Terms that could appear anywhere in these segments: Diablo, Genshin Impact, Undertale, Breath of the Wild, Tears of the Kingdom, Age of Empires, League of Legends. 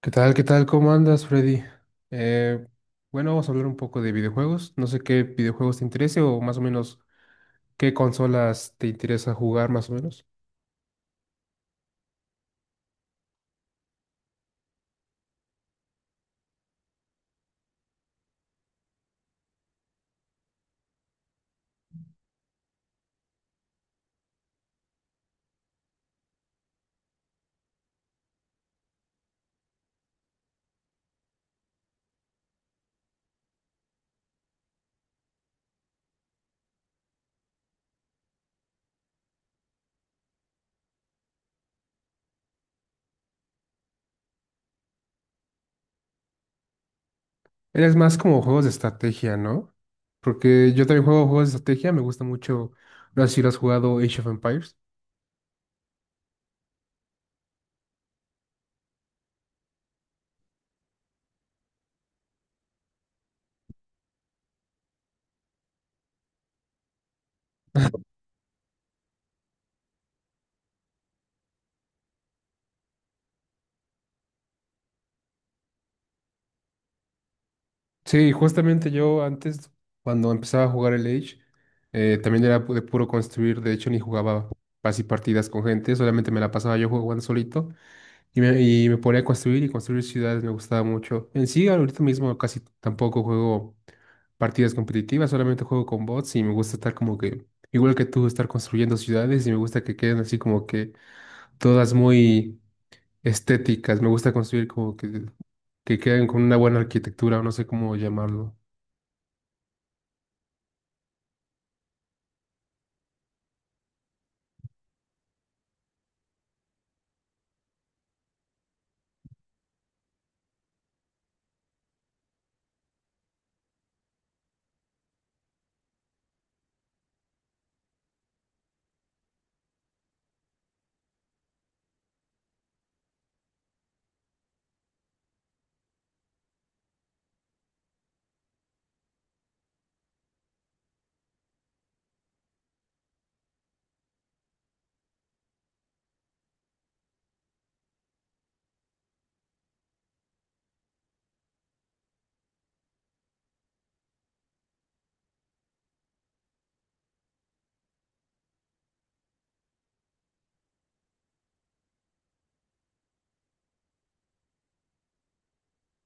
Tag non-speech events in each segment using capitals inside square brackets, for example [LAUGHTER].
¿Qué tal? ¿Qué tal? ¿Cómo andas, Freddy? Eh, bueno, vamos a hablar un poco de videojuegos. No sé qué videojuegos te interese o más o menos qué consolas te interesa jugar más o menos. ¿Eres más como juegos de estrategia, no? Porque yo también juego juegos de estrategia, me gusta mucho, no sé si lo has jugado Age of Empires. Sí, justamente yo antes, cuando empezaba a jugar el Age, también era de puro construir, de hecho ni jugaba así partidas con gente, solamente me la pasaba yo jugando solito. Y me ponía a construir y construir ciudades, me gustaba mucho. En sí, ahorita mismo casi tampoco juego partidas competitivas, solamente juego con bots y me gusta estar como que, igual que tú, estar construyendo ciudades y me gusta que queden así como que todas muy estéticas. Me gusta construir como que queden con una buena arquitectura, no sé cómo llamarlo.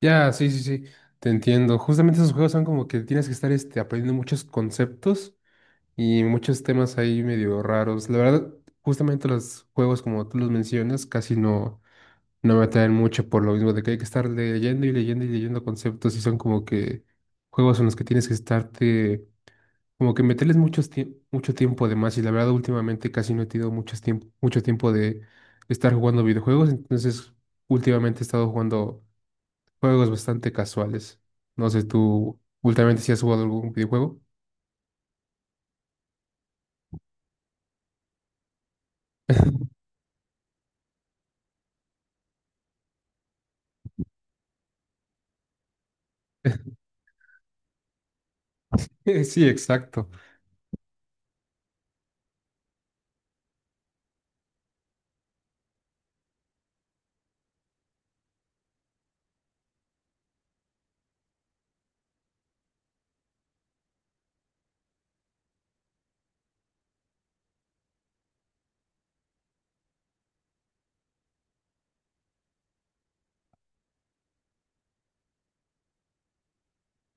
Ya, sí, sí, sí, te entiendo. Justamente esos juegos son como que tienes que estar este, aprendiendo muchos conceptos y muchos temas ahí medio raros. La verdad, justamente los juegos como tú los mencionas casi no, no me atraen mucho por lo mismo de que hay que estar leyendo y leyendo y leyendo conceptos y son como que juegos en los que tienes que estarte, como que meterles muchos mucho tiempo de más, y la verdad últimamente casi no he tenido mucho tiempo de estar jugando videojuegos. Entonces últimamente he estado jugando juegos bastante casuales. No sé, tú últimamente si has jugado algún videojuego. [LAUGHS] Sí, exacto.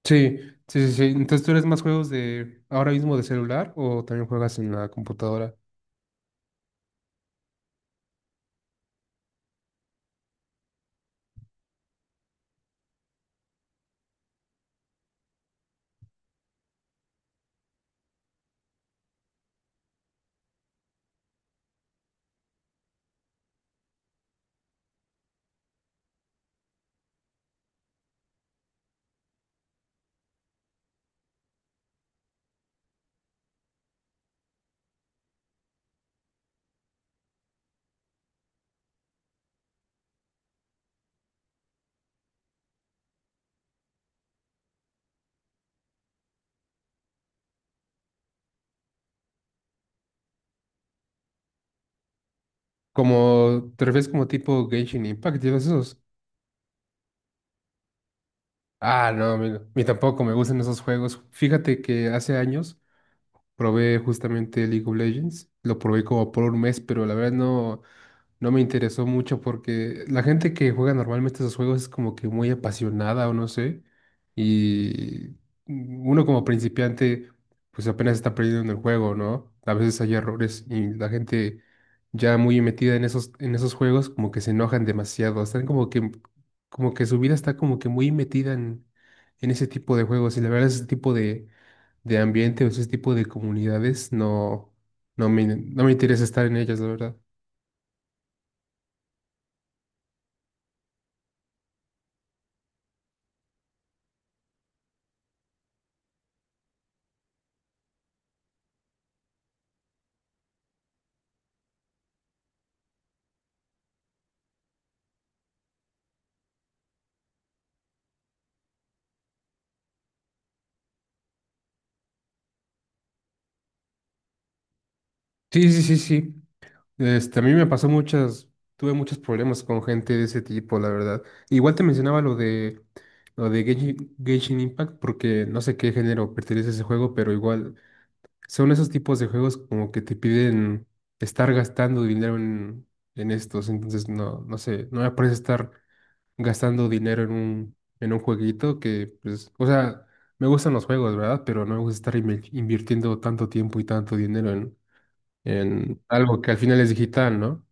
Sí, sí, sí, sí. Entonces, ¿tú eres más juegos de ahora mismo de celular o también juegas en la computadora? Como, ¿te refieres como tipo Genshin Impact y todos esos? Ah, no, a mí tampoco me gustan esos juegos. Fíjate que hace años probé justamente League of Legends, lo probé como por un mes, pero la verdad no, no me interesó mucho porque la gente que juega normalmente esos juegos es como que muy apasionada, o no sé, y uno como principiante pues apenas está aprendiendo en el juego, ¿no? A veces hay errores y la gente ya muy metida en esos juegos como que se enojan demasiado, están como que su vida está como que muy metida en ese tipo de juegos, y la verdad ese tipo de ambiente o ese tipo de comunidades, no, no me, no me interesa estar en ellas, la verdad. Sí, sí, sí, sí. Este, a mí me pasó muchas, tuve muchos problemas con gente de ese tipo, la verdad. Igual te mencionaba lo de Genshin, Genshin Impact, porque no sé qué género pertenece ese juego, pero igual son esos tipos de juegos como que te piden estar gastando dinero en estos. Entonces no, no sé, no me parece estar gastando dinero en un jueguito que, pues, o sea, me gustan los juegos, ¿verdad? Pero no me gusta estar invirtiendo tanto tiempo y tanto dinero en algo que al final es digital, ¿no?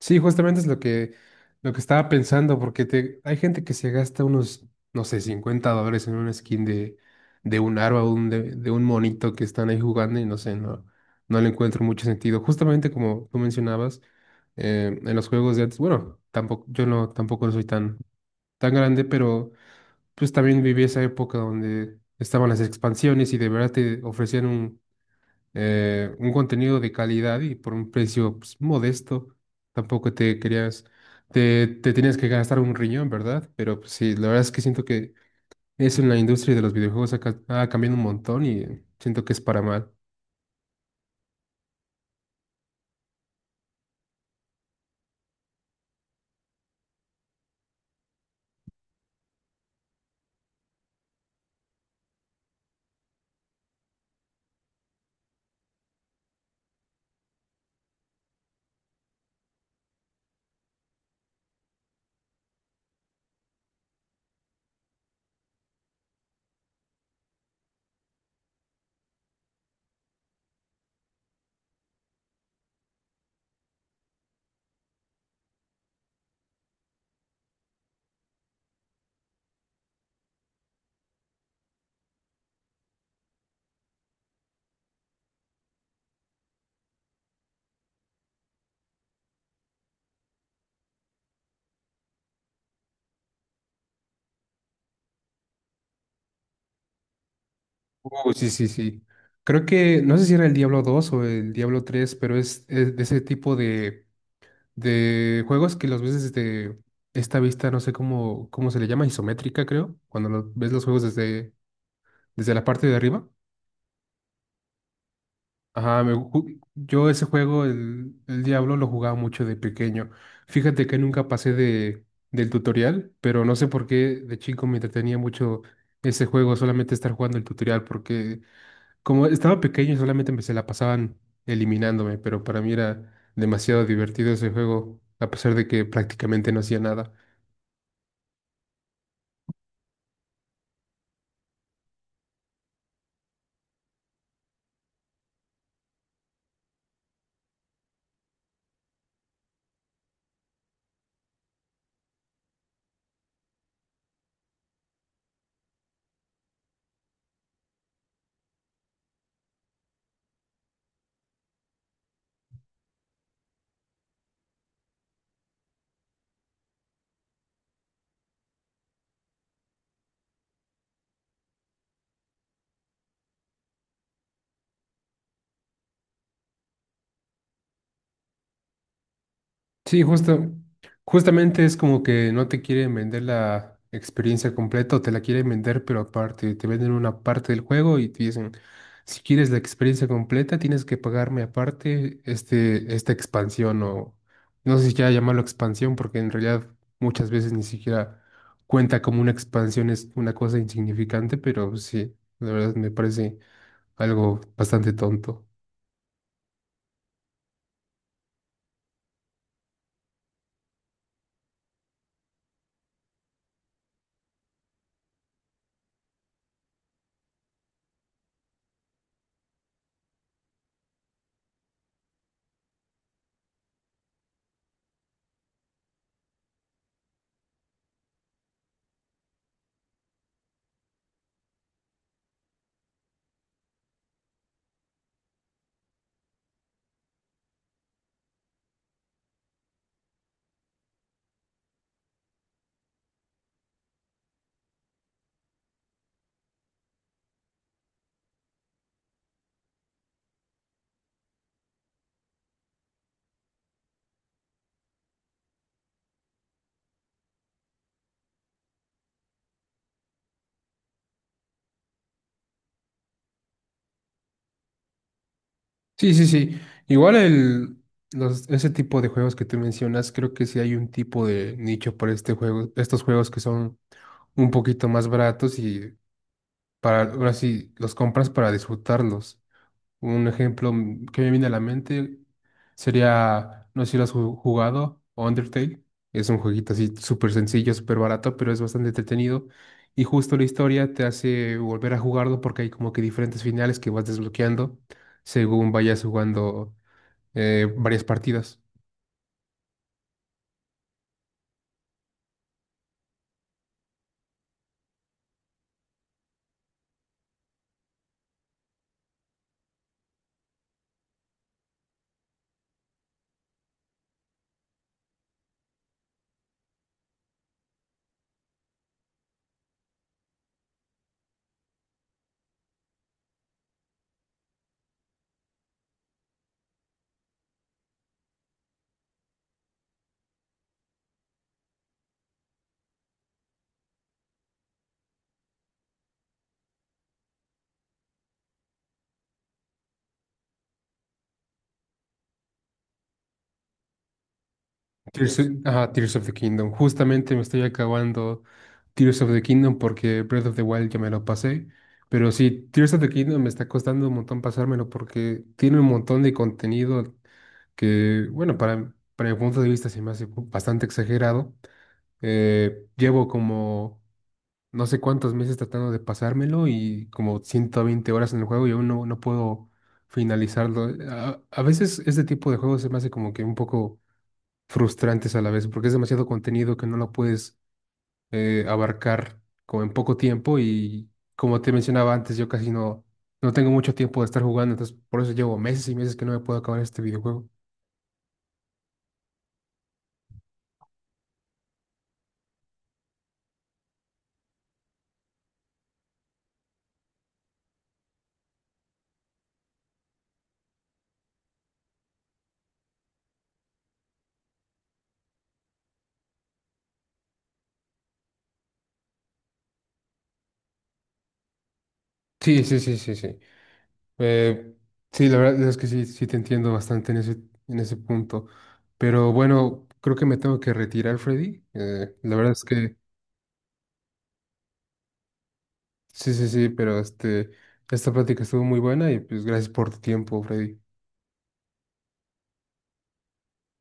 Sí, justamente es lo que estaba pensando, porque te, hay gente que se gasta unos, no sé, $50 en una skin de un arma, un, de un monito que están ahí jugando, y no sé, no, no le encuentro mucho sentido. Justamente como tú mencionabas en los juegos de antes, bueno, tampoco, yo no, tampoco soy tan, tan grande, pero pues también viví esa época donde estaban las expansiones y de verdad te ofrecían un contenido de calidad y por un precio pues, modesto. Tampoco te querías, te tenías que gastar un riñón, ¿verdad? Pero pues sí, la verdad es que siento que eso en la industria de los videojuegos ha, ha cambiado un montón y siento que es para mal. Oh, sí, sí, sí. Creo que, no sé si era el Diablo 2 o el Diablo 3, pero es de ese tipo de juegos que los ves desde esta vista, no sé cómo, cómo se le llama, isométrica, creo, cuando ves los juegos desde, desde la parte de arriba. Ajá, me yo ese juego, el Diablo, lo jugaba mucho de pequeño. Fíjate que nunca pasé de, del tutorial, pero no sé por qué de chico me entretenía mucho ese juego, solamente estar jugando el tutorial, porque como estaba pequeño, solamente me se la pasaban eliminándome, pero para mí era demasiado divertido ese juego, a pesar de que prácticamente no hacía nada. Sí, justo, justamente es como que no te quieren vender la experiencia completa, o te la quieren vender, pero aparte, te venden una parte del juego y te dicen, si quieres la experiencia completa, tienes que pagarme aparte este, esta expansión, o no sé si quiera llamarlo expansión, porque en realidad muchas veces ni siquiera cuenta como una expansión, es una cosa insignificante, pero sí, la verdad me parece algo bastante tonto. Sí, sí, sí. Igual el, los, ese tipo de juegos que tú mencionas, creo que sí hay un tipo de nicho para este juego, estos juegos que son un poquito más baratos y para, ahora sí, los compras para disfrutarlos. Un ejemplo, mm, que me viene a la mente sería, no sé si lo has jugado, Undertale. Es un jueguito así súper sencillo, súper barato, pero es bastante entretenido. Y justo la historia te hace volver a jugarlo porque hay como que diferentes finales que vas desbloqueando según vayas jugando varias partidas. Tears of, ajá, Tears of the Kingdom. Justamente me estoy acabando Tears of the Kingdom porque Breath of the Wild ya me lo pasé. Pero sí, Tears of the Kingdom me está costando un montón pasármelo porque tiene un montón de contenido que, bueno, para mi punto de vista se me hace bastante exagerado. Llevo como no sé cuántos meses tratando de pasármelo y como 120 horas en el juego y aún no, no puedo finalizarlo. A veces este tipo de juegos se me hace como que un poco frustrantes a la vez, porque es demasiado contenido que no lo puedes abarcar como en poco tiempo, y como te mencionaba antes, yo casi no, no tengo mucho tiempo de estar jugando, entonces por eso llevo meses y meses que no me puedo acabar este videojuego. Sí, sí, sí, sí, sí. Eh, sí, la verdad es que sí, sí te entiendo bastante en ese punto. Pero bueno, creo que me tengo que retirar, Freddy. La verdad es que sí, sí, sí, pero este, esta plática estuvo muy buena y pues gracias por tu tiempo, Freddy.